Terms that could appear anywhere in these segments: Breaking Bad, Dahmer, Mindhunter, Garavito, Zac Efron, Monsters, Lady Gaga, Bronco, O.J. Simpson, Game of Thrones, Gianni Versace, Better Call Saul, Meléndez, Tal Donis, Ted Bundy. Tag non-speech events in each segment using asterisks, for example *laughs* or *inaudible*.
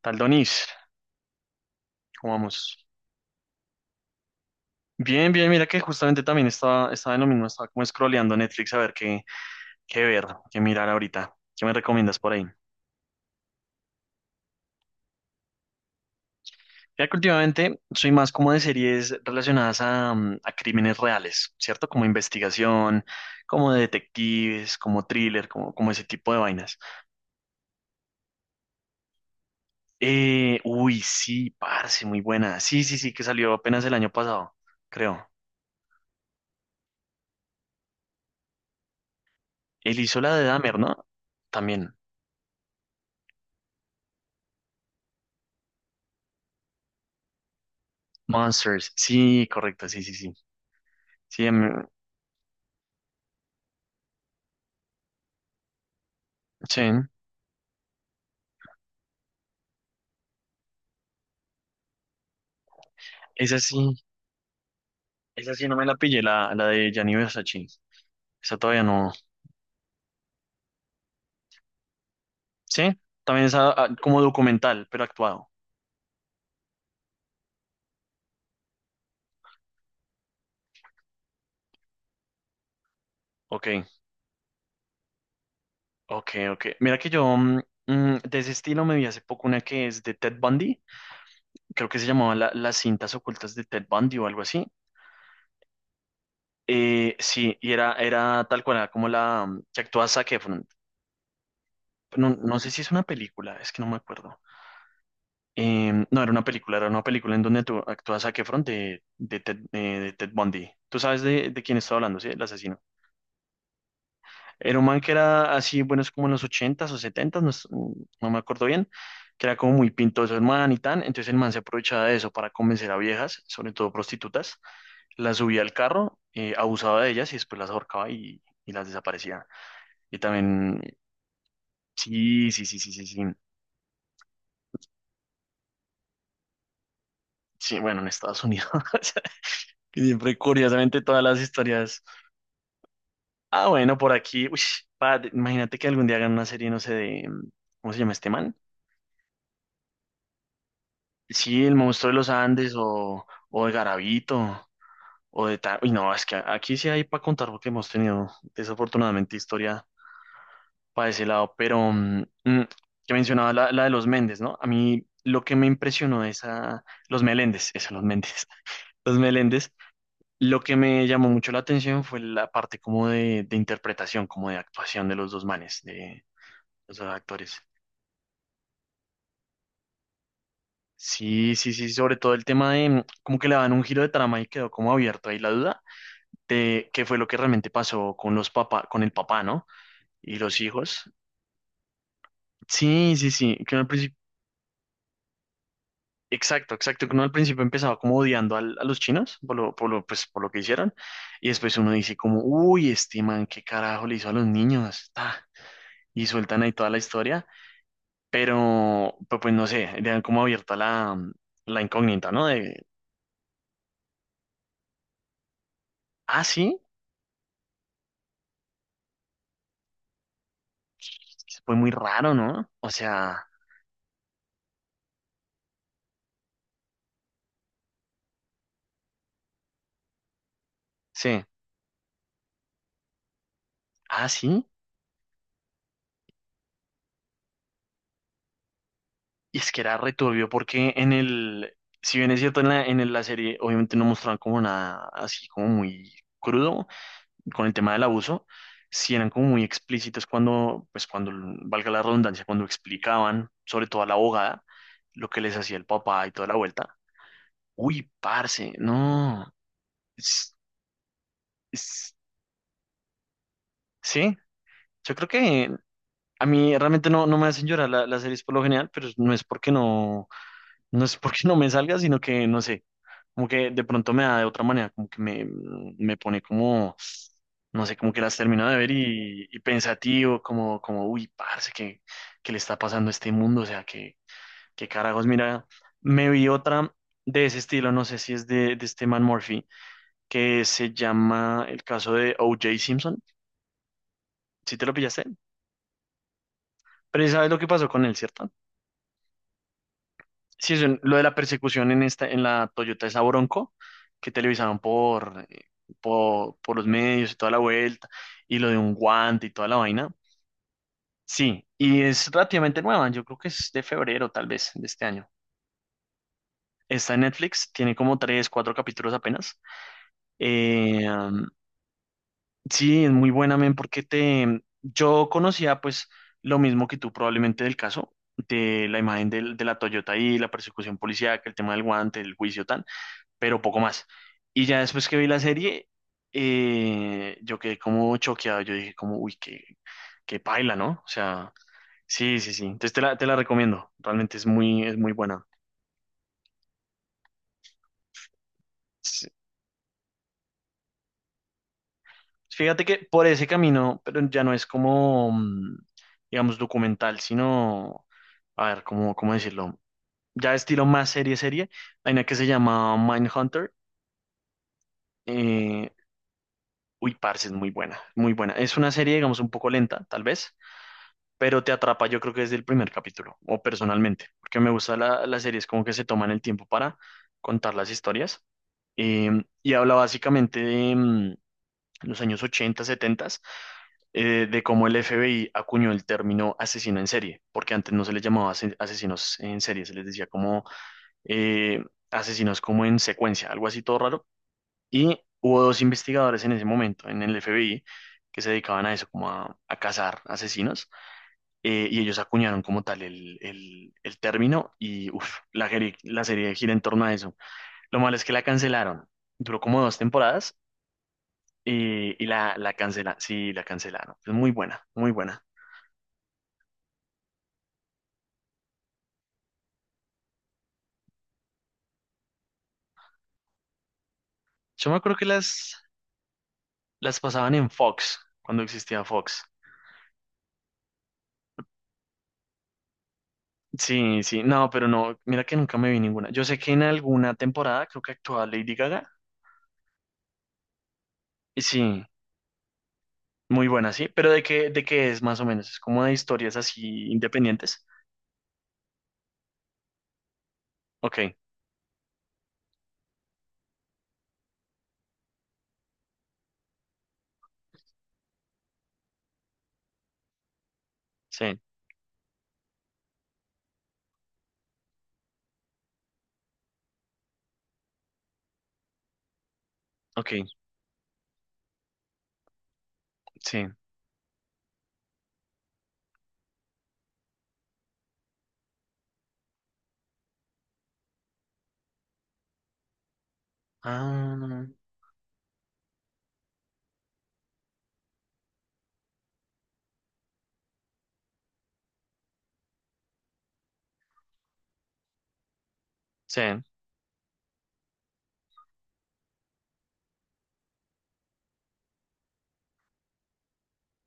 Tal Donis, ¿cómo vamos? Bien, bien, mira que justamente también estaba en lo mismo, estaba como scrolleando Netflix a ver qué, qué ver, qué mirar ahorita. ¿Qué me recomiendas por ahí? Ya que últimamente soy más como de series relacionadas a a crímenes reales, ¿cierto? Como investigación, como de detectives, como thriller, como ese tipo de vainas. Uy, sí, parce, muy buena. Sí, sí, sí, que salió apenas el año pasado, creo. Él hizo la de Dahmer, ¿no? También. Monsters, sí, correcto, sí, sí, sí. Sí, a sí. Esa sí, esa sí no me la pillé, la de Gianni Versace. Esa todavía no. Sí, también esa ah, como documental, pero actuado. Ok, ok, ok. Mira que yo mm, mm, de ese estilo me vi hace poco una que es de Ted Bundy. Creo que se llamaba Las cintas ocultas de Ted Bundy o algo así. Sí, y era, era tal cual, era como la mm, que actúa Zac Efron. No, no sé si es una película, es que no me acuerdo. No, era una película en donde tú actúas a Efron Ted, de Ted Bundy. Tú sabes de quién estaba hablando, ¿sí? El asesino. Era un man que era así, bueno, es como en los ochentas o setentas no, no me acuerdo bien, que era como muy pintoso el man y tan. Entonces el man se aprovechaba de eso para convencer a viejas, sobre todo prostitutas, las subía al carro, abusaba de ellas y después las ahorcaba y las desaparecía. Y también, sí, sí, sí, sí, sí, sí. Sí, bueno, en Estados Unidos. *laughs* Que siempre, curiosamente, todas las historias. Ah, bueno, por aquí. Uy, padre, imagínate que algún día hagan una serie, no sé, de. ¿Cómo se llama este man? Sí, El Monstruo de los Andes, o de Garavito o de tal. Uy, no, es que aquí sí hay para contar porque hemos tenido desafortunadamente historia para ese lado. Pero mm, mm, que mencionaba la de los Méndez, ¿no? A mí lo que me impresionó de esa. Los Meléndez, *laughs* eso, los Méndez. *laughs* Los Meléndez. Lo que me llamó mucho la atención fue la parte como de interpretación, como de actuación de los dos manes, de los dos actores. Sí, sí, sí, sobre todo el tema de mm, como que le dan un giro de trama y quedó como abierto ahí la duda de qué fue lo que realmente pasó con los papá, con el papá, ¿no? Y los hijos. Sí, sí, sí, que uno al principio, exacto, exacto, que uno al principio empezaba como odiando a los chinos por lo, pues, por lo que hicieron y después uno dice como, uy, este man, qué carajo le hizo a los niños, ta, y sueltan ahí toda la historia, pero, pues no sé, le dan como abierta la, la incógnita, ¿no? De, ah, sí. Fue muy raro, ¿no? O sea, sí. Ah, sí. Y es que era returbio porque en el, si bien es cierto, en la, la serie obviamente no mostraban como nada así como muy crudo con el tema del abuso, sí eran como muy explícitos cuando, pues cuando, valga la redundancia, cuando explicaban, sobre todo a la abogada, lo que les hacía el papá y toda la vuelta. Uy, parce, no. Es- es- sí, yo creo que a mí realmente no, no me hacen llorar las series por lo general, pero no es porque no, no es porque no me salga, sino que no sé, como que de pronto me da de otra manera, como que me pone como, no sé, como que las termino de ver y pensativo, como, uy, parce, ¿qué, qué le está pasando a este mundo? O sea, qué, qué carajos, mira, me vi otra de ese estilo, no sé si es de este man Murphy, que se llama el caso de O.J. Simpson, ¿si te lo pillaste? Pero ya sabes lo que pasó con él, ¿cierto? Sí, eso, lo de la persecución en esta, en la Toyota esa Bronco, que televisaban por, por los medios y toda la vuelta, y lo de un guante y toda la vaina. Sí, y es relativamente nueva, yo creo que es de febrero tal vez de este año. Está en Netflix, tiene como tres, cuatro capítulos apenas. Eh, um, sí, es muy buena, men, porque te, yo conocía pues lo mismo que tú probablemente del caso, de la imagen de la Toyota y la persecución policíaca, el tema del guante, el juicio, tan. Pero poco más. Y ya después que vi la serie, yo quedé como choqueado, yo dije como, uy, qué, qué paila, ¿no? O sea, sí, sí, sí. Entonces te la recomiendo, realmente es muy buena. S- Fíjate que por ese camino, pero ya no es como, mm, digamos, documental, sino, a ver, ¿cómo, cómo decirlo? Ya estilo más serie, serie. Hay una que se llama Mindhunter. Eh, uy, parce, es muy buena, muy buena. Es una serie, digamos, un poco lenta, tal vez, pero te atrapa yo creo que desde el primer capítulo, o personalmente, porque me gusta las series como que se toman el tiempo para contar las historias. Eh, y habla básicamente de mm, los años 80 70, de cómo el FBI acuñó el término asesino en serie, porque antes no se les llamaba asesinos en serie, se les decía como eh, asesinos como en secuencia, algo así todo raro. Y hubo dos investigadores en ese momento en el FBI que se dedicaban a eso, como a cazar asesinos, y ellos acuñaron como tal el término y uf, la, la serie gira en torno a eso. Lo malo es que la cancelaron. Duró como dos temporadas y la cancela, sí, la cancelaron. Es muy buena, muy buena. Yo me acuerdo que las pasaban en Fox, cuando existía Fox. Sí, sí, no, pero no, mira que nunca me vi ninguna. Yo sé que en alguna temporada creo que actuaba Lady Gaga. Y sí, muy buena, sí, pero de qué es más o menos? Es como de historias así independientes. Ok, sí, ok. Sí. Ah, sí,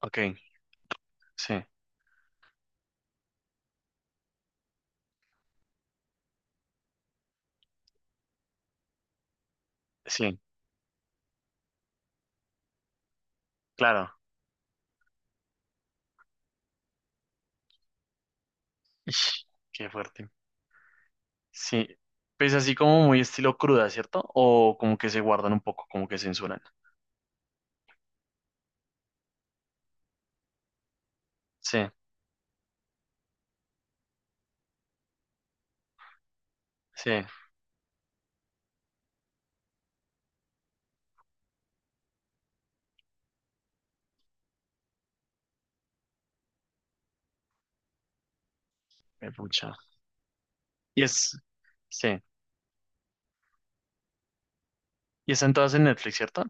ok, sí, sí, claro. Ish, qué fuerte. Sí, pues así como muy estilo cruda, ¿cierto? O como que se guardan un poco, como que censuran. Sí, sí, me pucha. Y es, sí, y están todas en Netflix, ¿cierto?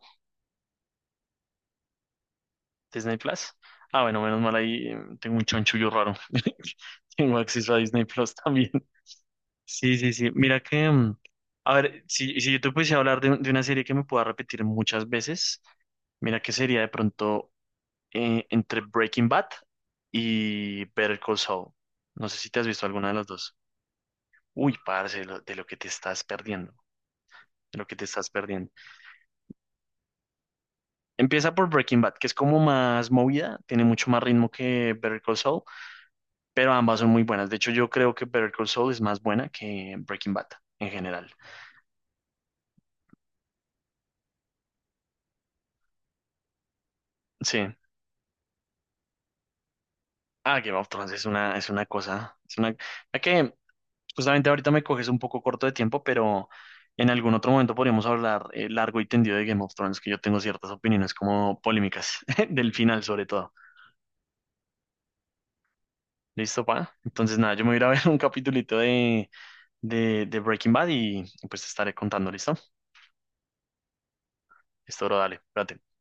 Disney Plus. Ah, bueno, menos mal ahí tengo un chonchullo raro. *laughs* Tengo acceso a Disney Plus también. Sí, sí, sí. Mira que, mm, a ver, si yo te pudiese hablar de una serie que me pueda repetir muchas veces. Mira que sería de pronto entre Breaking Bad y Better Call Saul. No sé si te has visto alguna de las dos. Uy, parce, de lo que te estás perdiendo, de lo que te estás perdiendo. Empieza por Breaking Bad, que es como más movida, tiene mucho más ritmo que Better Call Saul, pero ambas son muy buenas. De hecho, yo creo que Better Call Saul es más buena que Breaking Bad en general. Sí. Ah, Game of Thrones es una cosa. Es una... ok, justamente ahorita me coges un poco corto de tiempo, pero en algún otro momento podríamos hablar largo y tendido de Game of Thrones, que yo tengo ciertas opiniones como polémicas, *laughs* del final sobre todo. ¿Listo, pa? Entonces nada, yo me voy a ir a ver un capitulito de, de Breaking Bad y pues te estaré contando, ¿listo? Listo, bro, dale, espérate.